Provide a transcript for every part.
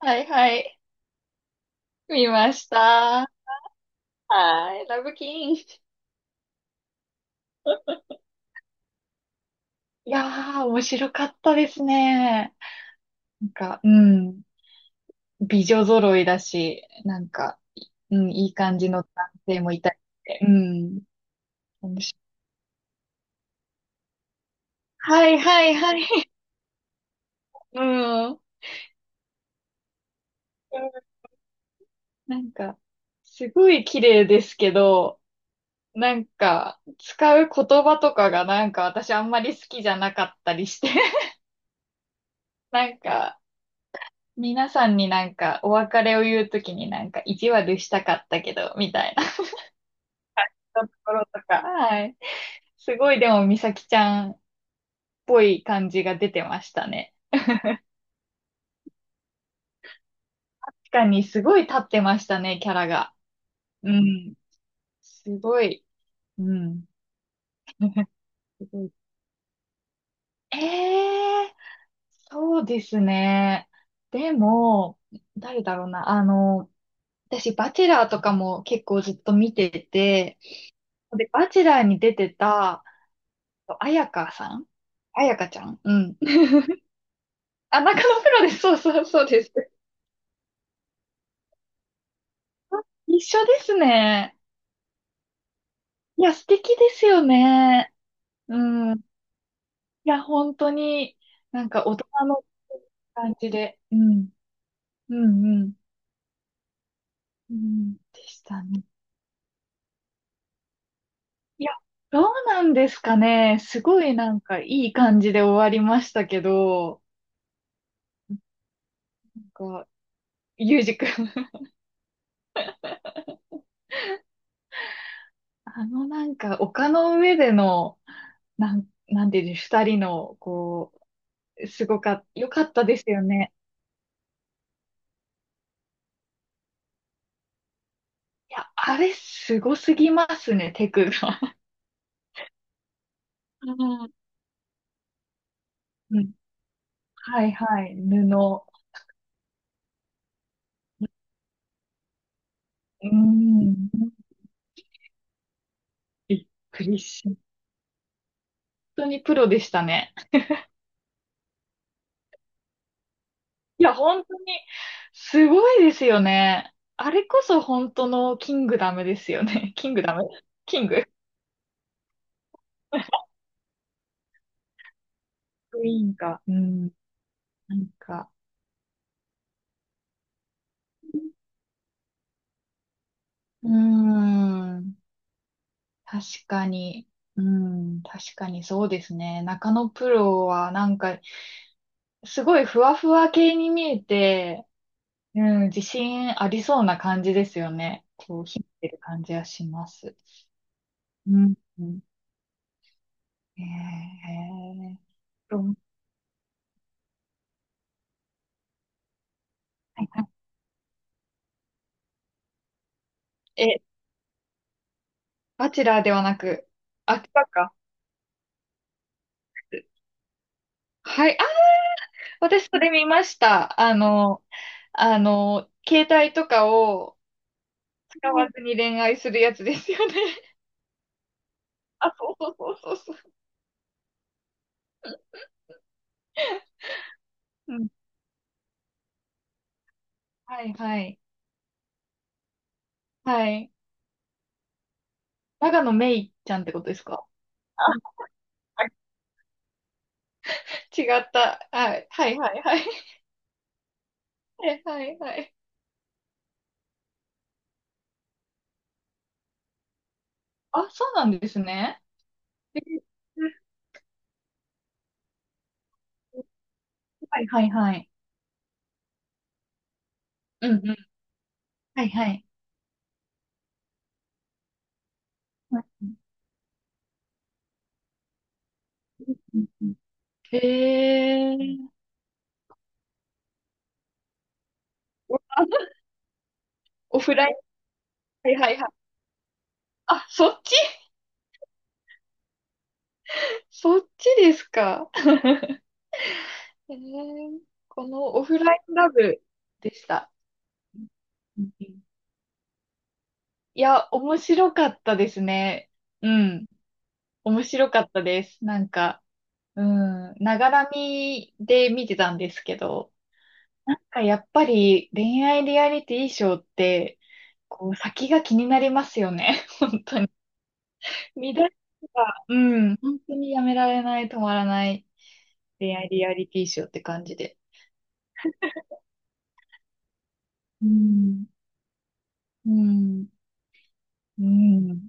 はいはい。見ました。はい。ラブキン。いやー、面白かったですね。なんか、うん。美女揃いだし、なんか、いうん、いい感じの男性もいたりして。うん。面白い。はいはいはい。うん。うん、なんか、すごい綺麗ですけど、なんか、使う言葉とかがなんか私あんまり好きじゃなかったりして。なんか、皆さんになんかお別れを言うときになんか意地悪したかったけど、みたいな。 ところとか。はい。すごいでも美咲ちゃんっぽい感じが出てましたね。確かにすごい立ってましたね、キャラが。うん。すごい。うん。すごい。ええ、そうですね。でも、誰だろうな。あの、私、バチェラーとかも結構ずっと見てて、で、バチェラーに出てた、あやかさん、あやかちゃん、うん。あ、中野プロです。そうそうそうです。一緒ですね。いや、素敵ですよね。うん。いや、本当に、なんか大人の感じで。うん。うんうん。うん。でしたね。いや、どうなんですかね。すごいなんかいい感じで終わりましたけど、なんか、ゆうじくん。 あのなんか丘の上での、なんていうの、二人の、こう、すごかった、よかったですよね。いや、あれ、すごすぎますね、テクが。うんうん。はいはい、布。うーん。びっくりし、本当にプロでしたね。いや、本当に、すごいですよね。あれこそ本当のキングダムですよね。キングダム、キングクイーンか。うん。なんか。うーん。確かに。うん。確かにそうですね。中野プロはなんかすごいふわふわ系に見えて、うん、自信ありそうな感じですよね。こう、秘めてる感じはします。うん。うん。えー、ロはいはい。え、バチェラーではなく、あキか。はい。あ、私それ見ました。あの、あの、携帯とかを使わずに恋愛するやつですよね。あ、そうそうそうそうそう。うん。はいはい。はい。長野めいちゃんってことですか。あ、違った。はい。はいはいはい。はいはいはい。あ、そうなんですね。え、はいはいはい。うんうん。はいはい。うんうんうん。へえ。オオフライン。はいはいはい。あ、そっち。 そっちですか。へえ。このオフラインラブでした。うんうん。いや、面白かったですね。うん。面白かったです。なんか、うん。ながらみで見てたんですけど、なんかやっぱり恋愛リアリティショーって、こう先が気になりますよね。本当に。見出しが、うん、本当にやめられない、止まらない恋愛リアリティショーって感じで。うん、うん、うん。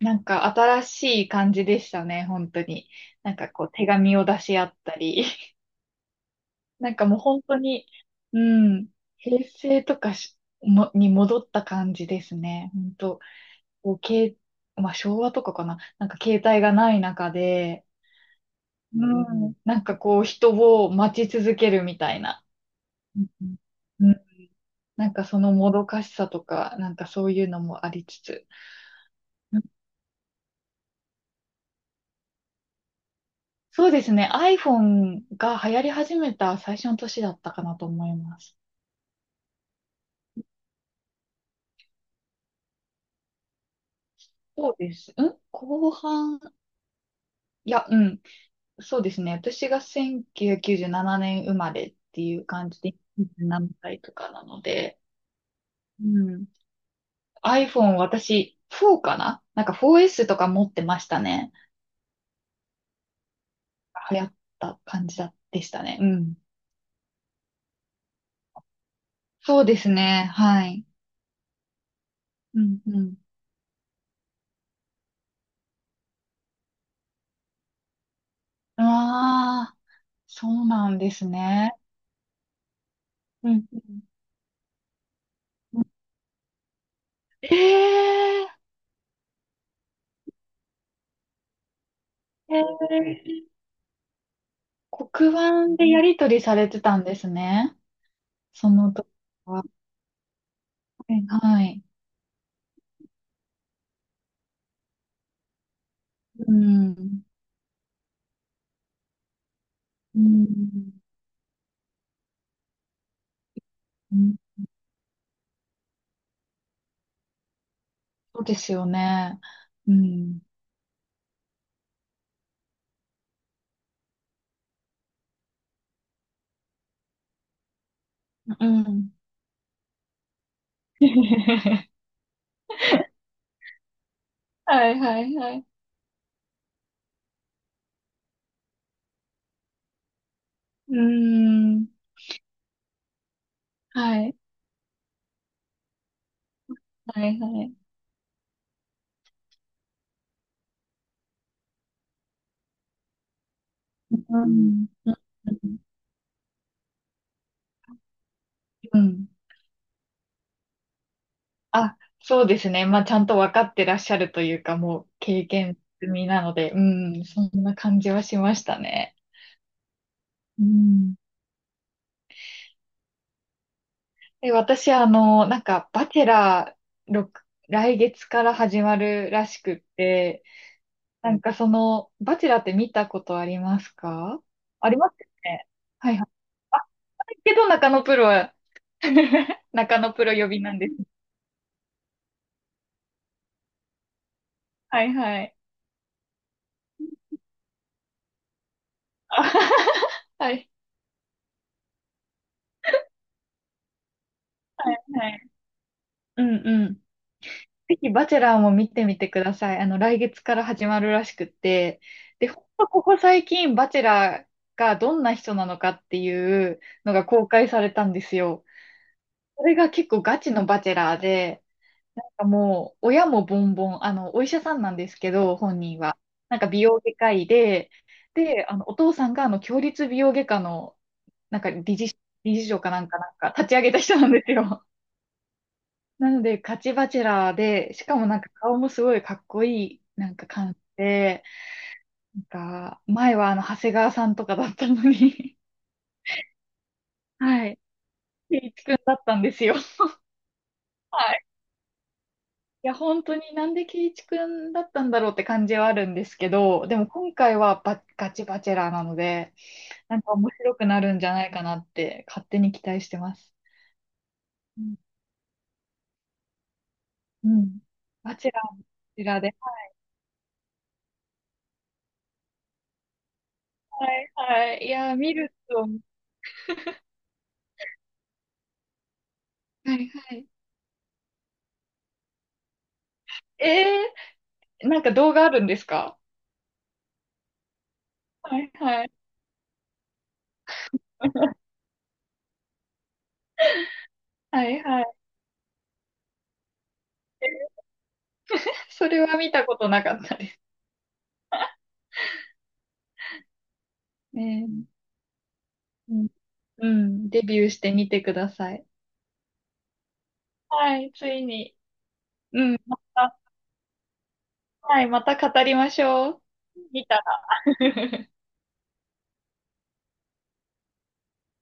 なんか新しい感じでしたね、本当に。なんかこう手紙を出し合ったり。なんかもう本当に、うん、平成とかしもに戻った感じですね、本当。こう、まあ昭和とかかな。なんか携帯がない中で、うん。なんかこう人を待ち続けるみたいな。うんうん。なんかそのもどかしさとか、なんかそういうのもありつつ。うん、そうですね。iPhone が流行り始めた最初の年だったかなと思います。そうです。うん、後半、いや、うん。そうですね。私が1997年生まれっていう感じで、27歳とかなので、うん。iPhone 私4かななんか 4S とか持ってましたね。流行った感じだでしたね。うん。そうですね。はい。うんうん。ああ、そうなんですね。うんうん。ええ、ええ、黒板でやり取りされてたんですね。その時は。はい。うん。うん。うん、そうですよね。うん。うん。はいはいはい。うーん。はい。はい、はい。うん。うん。うん。あ、そうですね。まあ、ちゃんと分かってらっしゃるというか、もう経験済みなので、うん、そんな感じはしましたね。うん。で、私、あの、なんか、バチェラー6、来月から始まるらしくって、なんかその、バチェラーって見たことありますか。ありますよね。はいはい。あ、けど中野プロは、中野プロ呼びなんです。はいはい。はい。はい。うんうん。ぜひ、バチェラーも見てみてください。あの、来月から始まるらしくって。で、ほんとここ最近、バチェラーがどんな人なのかっていうのが公開されたんですよ。それが結構ガチのバチェラーで、なんかもう、親もボンボン、あの、お医者さんなんですけど、本人は。なんか美容外科医で、で、あの、お父さんが、あの、共立美容外科の、なんか理事、理事長かなんか、なんか、立ち上げた人なんですよ。なので、ガチバチェラーで、しかもなんか顔もすごいかっこいい、なんか感じで、なんか、前はあの、長谷川さんとかだったのに。 はい。圭一くんだったんですよ。はい。いや、本当になんで圭一くんだったんだろうって感じはあるんですけど、でも今回はバガチバチェラーなので、なんか面白くなるんじゃないかなって勝手に期待してます。うん。うん、バチェラー、バチェラーで。はい、はい。いや、見ると、はい、はい。えーなんか動画あるんですか。はいはい。はいはい。それは見たことなかったです。ねえ。うん。うん、デビューしてみてください。はい、ついに。うん、また、はい、また語りましょう。見た